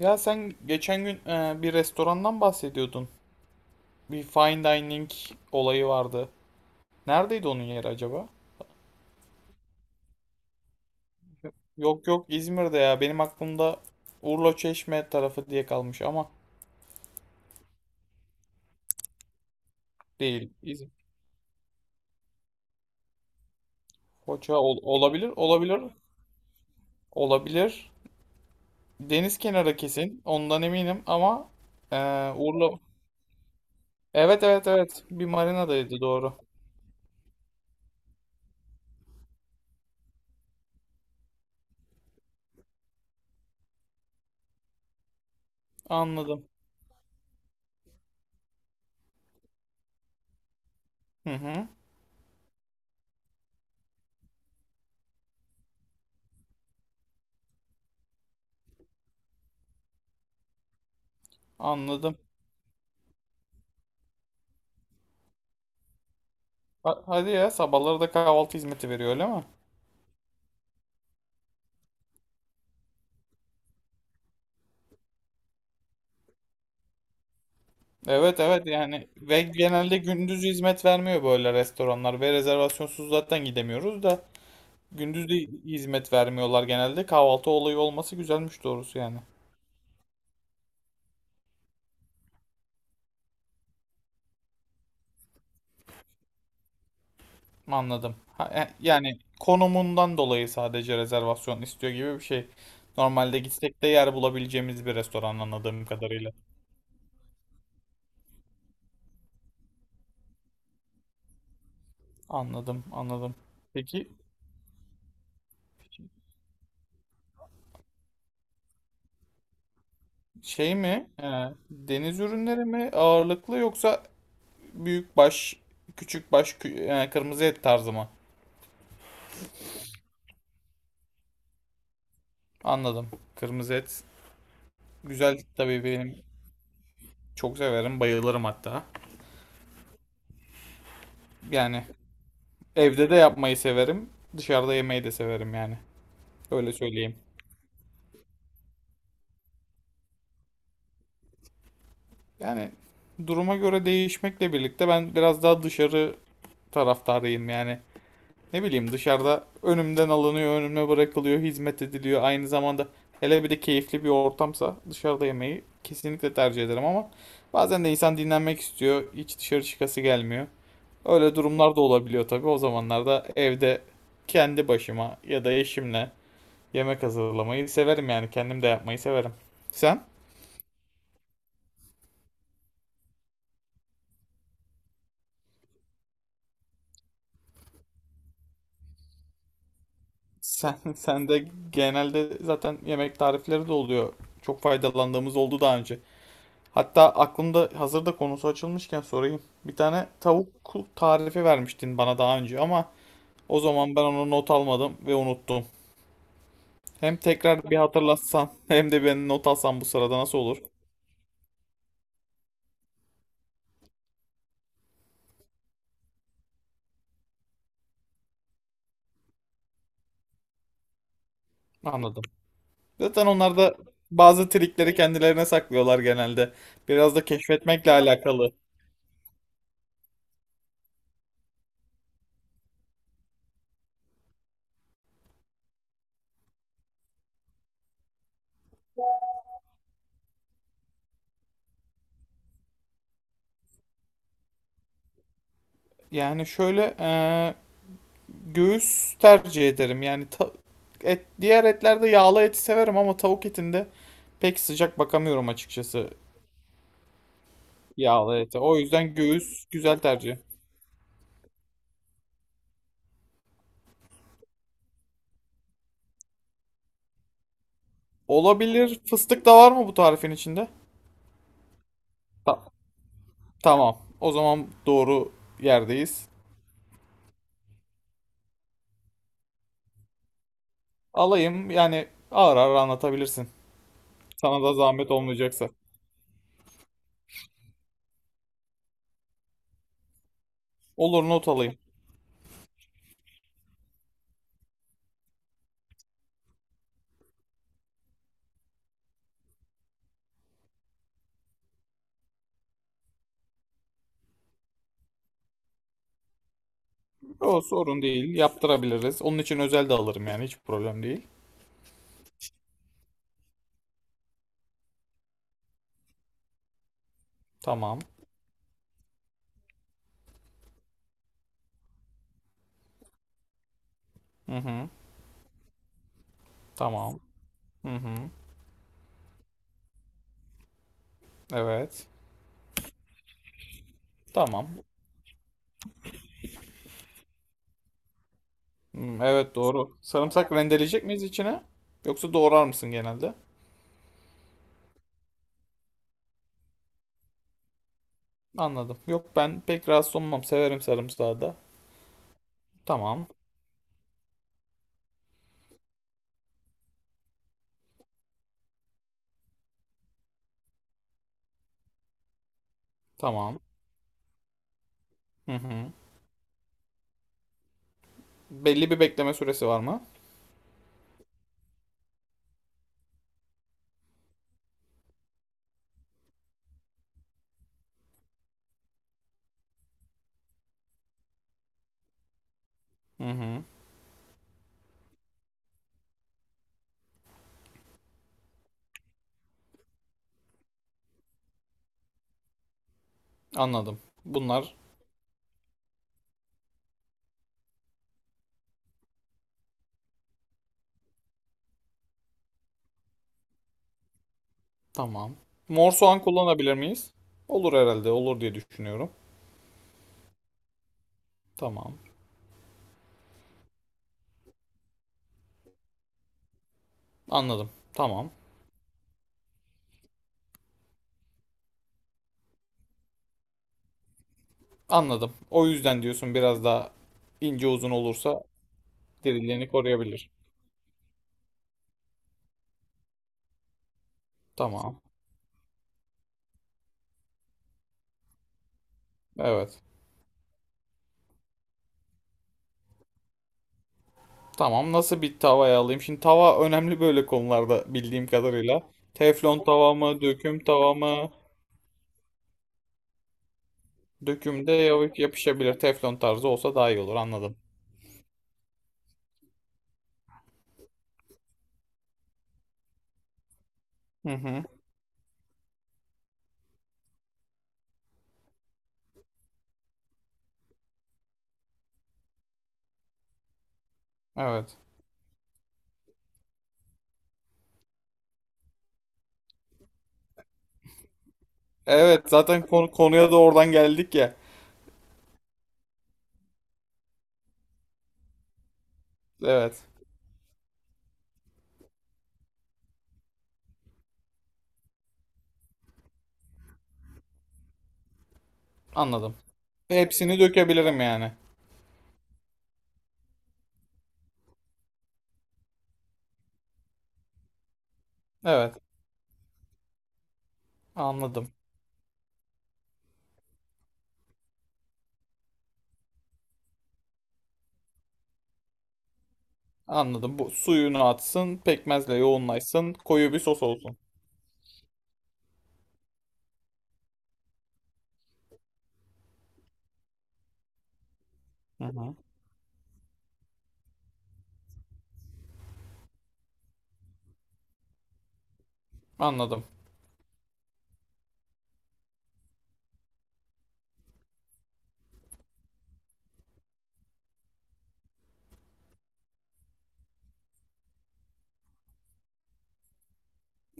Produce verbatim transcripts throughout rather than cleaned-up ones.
Ya sen geçen gün e, bir restorandan bahsediyordun. Bir fine dining olayı vardı. Neredeydi onun yeri acaba? Yok yok, İzmir'de ya. Benim aklımda Urla Çeşme tarafı diye kalmış ama değil. İzmir. Foça ol- olabilir, olabilir, olabilir. Deniz kenarı kesin. Ondan eminim ama e, Urla... Evet evet evet. Bir marinadaydı, doğru. Anladım. Hı hı. Anladım. Ha- hadi ya, sabahları da kahvaltı hizmeti veriyor, öyle mi? Evet evet, yani ve genelde gündüz hizmet vermiyor böyle restoranlar ve rezervasyonsuz zaten gidemiyoruz da gündüz de hizmet vermiyorlar genelde. Kahvaltı olayı olması güzelmiş doğrusu yani. Anladım, ha, e, yani konumundan dolayı sadece rezervasyon istiyor gibi bir şey. Normalde gitsek de yer bulabileceğimiz bir restoran anladığım kadarıyla. Anladım, anladım. Peki şey mi, e, deniz ürünleri mi ağırlıklı, yoksa büyük baş küçük baş kü- e, kırmızı et tarzı mı? Anladım. Kırmızı et. Güzel tabii, benim çok severim. Bayılırım hatta. Yani evde de yapmayı severim. Dışarıda yemeyi de severim yani. Öyle söyleyeyim. Yani duruma göre değişmekle birlikte ben biraz daha dışarı taraftarıyım yani. Ne bileyim, dışarıda önümden alınıyor, önüme bırakılıyor, hizmet ediliyor. Aynı zamanda hele bir de keyifli bir ortamsa, dışarıda yemeyi kesinlikle tercih ederim ama bazen de insan dinlenmek istiyor. Hiç dışarı çıkası gelmiyor. Öyle durumlar da olabiliyor tabii. O zamanlarda evde kendi başıma ya da eşimle yemek hazırlamayı severim yani. Kendim de yapmayı severim. Sen? Sen, sen de genelde zaten yemek tarifleri de oluyor. Çok faydalandığımız oldu daha önce. Hatta aklımda hazırda, konusu açılmışken sorayım. Bir tane tavuk tarifi vermiştin bana daha önce ama o zaman ben onu not almadım ve unuttum. Hem tekrar bir hatırlatsan hem de ben not alsam bu sırada, nasıl olur? Anladım. Zaten onlar da bazı trikleri kendilerine saklıyorlar genelde. Biraz da keşfetmekle alakalı. Yani şöyle, eee, göğüs tercih ederim. Yani ta- et, diğer etlerde yağlı eti severim ama tavuk etinde pek sıcak bakamıyorum açıkçası yağlı ete. O yüzden göğüs güzel tercih. Olabilir. Fıstık da var mı bu tarifin içinde? Ta- tamam. O zaman doğru yerdeyiz. Alayım. Yani ağır ağır anlatabilirsin. Sana da zahmet olmayacaksa. Olur, not alayım. O sorun değil. Yaptırabiliriz. Onun için özel de alırım yani. Hiç problem değil. Tamam. Hı hı. Tamam. Hı hı. Evet. Tamam. Hı, evet, doğru. Sarımsak rendeleyecek miyiz içine? Yoksa doğrar mısın genelde? Anladım. Yok, ben pek rahatsız olmam. Severim sarımsağı da. Tamam. Tamam. Hı hı. Belli bir bekleme süresi var mı? Hı hı. Anladım. Bunlar tamam. Mor soğan kullanabilir miyiz? Olur herhalde. Olur diye düşünüyorum. Tamam. Anladım. Tamam. Anladım. O yüzden diyorsun, biraz daha ince uzun olursa diriliğini koruyabilir. Tamam. Evet. Tamam. Nasıl bir tavaya alayım? Şimdi tava önemli böyle konularda bildiğim kadarıyla. Teflon tava mı, döküm tava mı? Dökümde yap- yapışabilir. Teflon tarzı olsa daha iyi olur. Anladım. Hı hı. Evet. Evet. Zaten konu- konuya da oradan geldik ya. Evet. Anladım. Hepsini dökebilirim yani. Evet. Anladım. Anladım. Bu suyunu atsın, pekmezle yoğunlaşsın, koyu bir sos olsun. Hı hı. Anladım.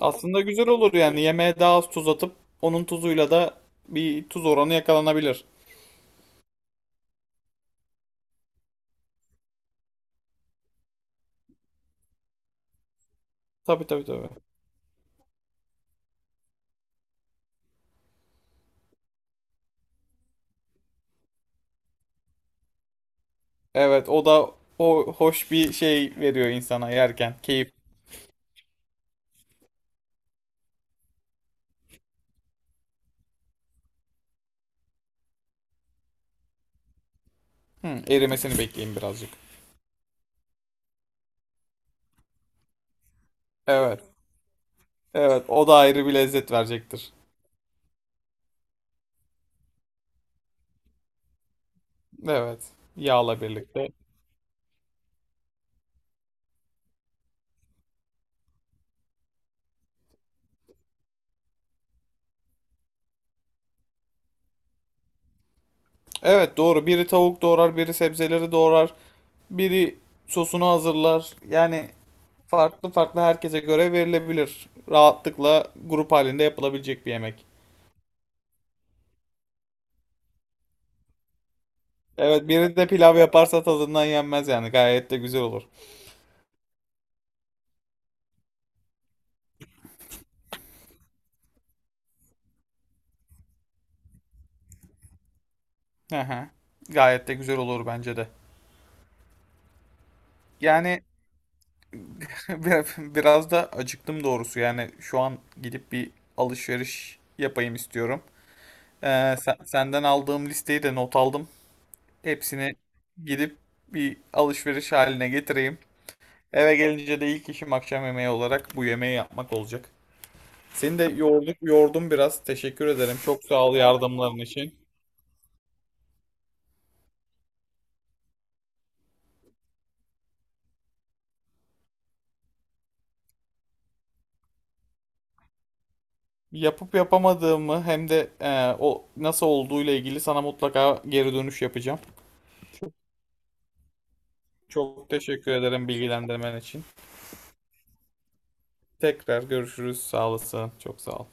Aslında güzel olur, yani yemeğe daha az tuz atıp onun tuzuyla da bir tuz oranı yakalanabilir. Tabii tabii tabii. Evet, o da o hoş bir şey veriyor insana yerken. Keyif. Hı, erimesini bekleyin birazcık. Evet. Evet, o da ayrı bir lezzet verecektir. Evet. Yağla birlikte. Evet, doğru. Biri tavuk doğrar, biri sebzeleri doğrar. Biri sosunu hazırlar. Yani farklı farklı herkese göre verilebilir. Rahatlıkla grup halinde yapılabilecek bir yemek. Evet, biri de pilav yaparsa tadından yenmez yani. Gayet de güzel olur. Hı hı. Gayet de güzel olur bence de. Yani bir- biraz da acıktım doğrusu. Yani şu an gidip bir alışveriş yapayım istiyorum. Ee, sen- senden aldığım listeyi de not aldım. Hepsini gidip bir alışveriş haline getireyim. Eve gelince de ilk işim akşam yemeği olarak bu yemeği yapmak olacak. Seni de yorduk, yordum biraz. Teşekkür ederim. Çok sağ ol yardımların için. Yapıp yapamadığımı hem de e, o nasıl olduğuyla ilgili sana mutlaka geri dönüş yapacağım. Çok teşekkür ederim bilgilendirmen için. Tekrar görüşürüz. Sağ olasın. Çok sağ ol.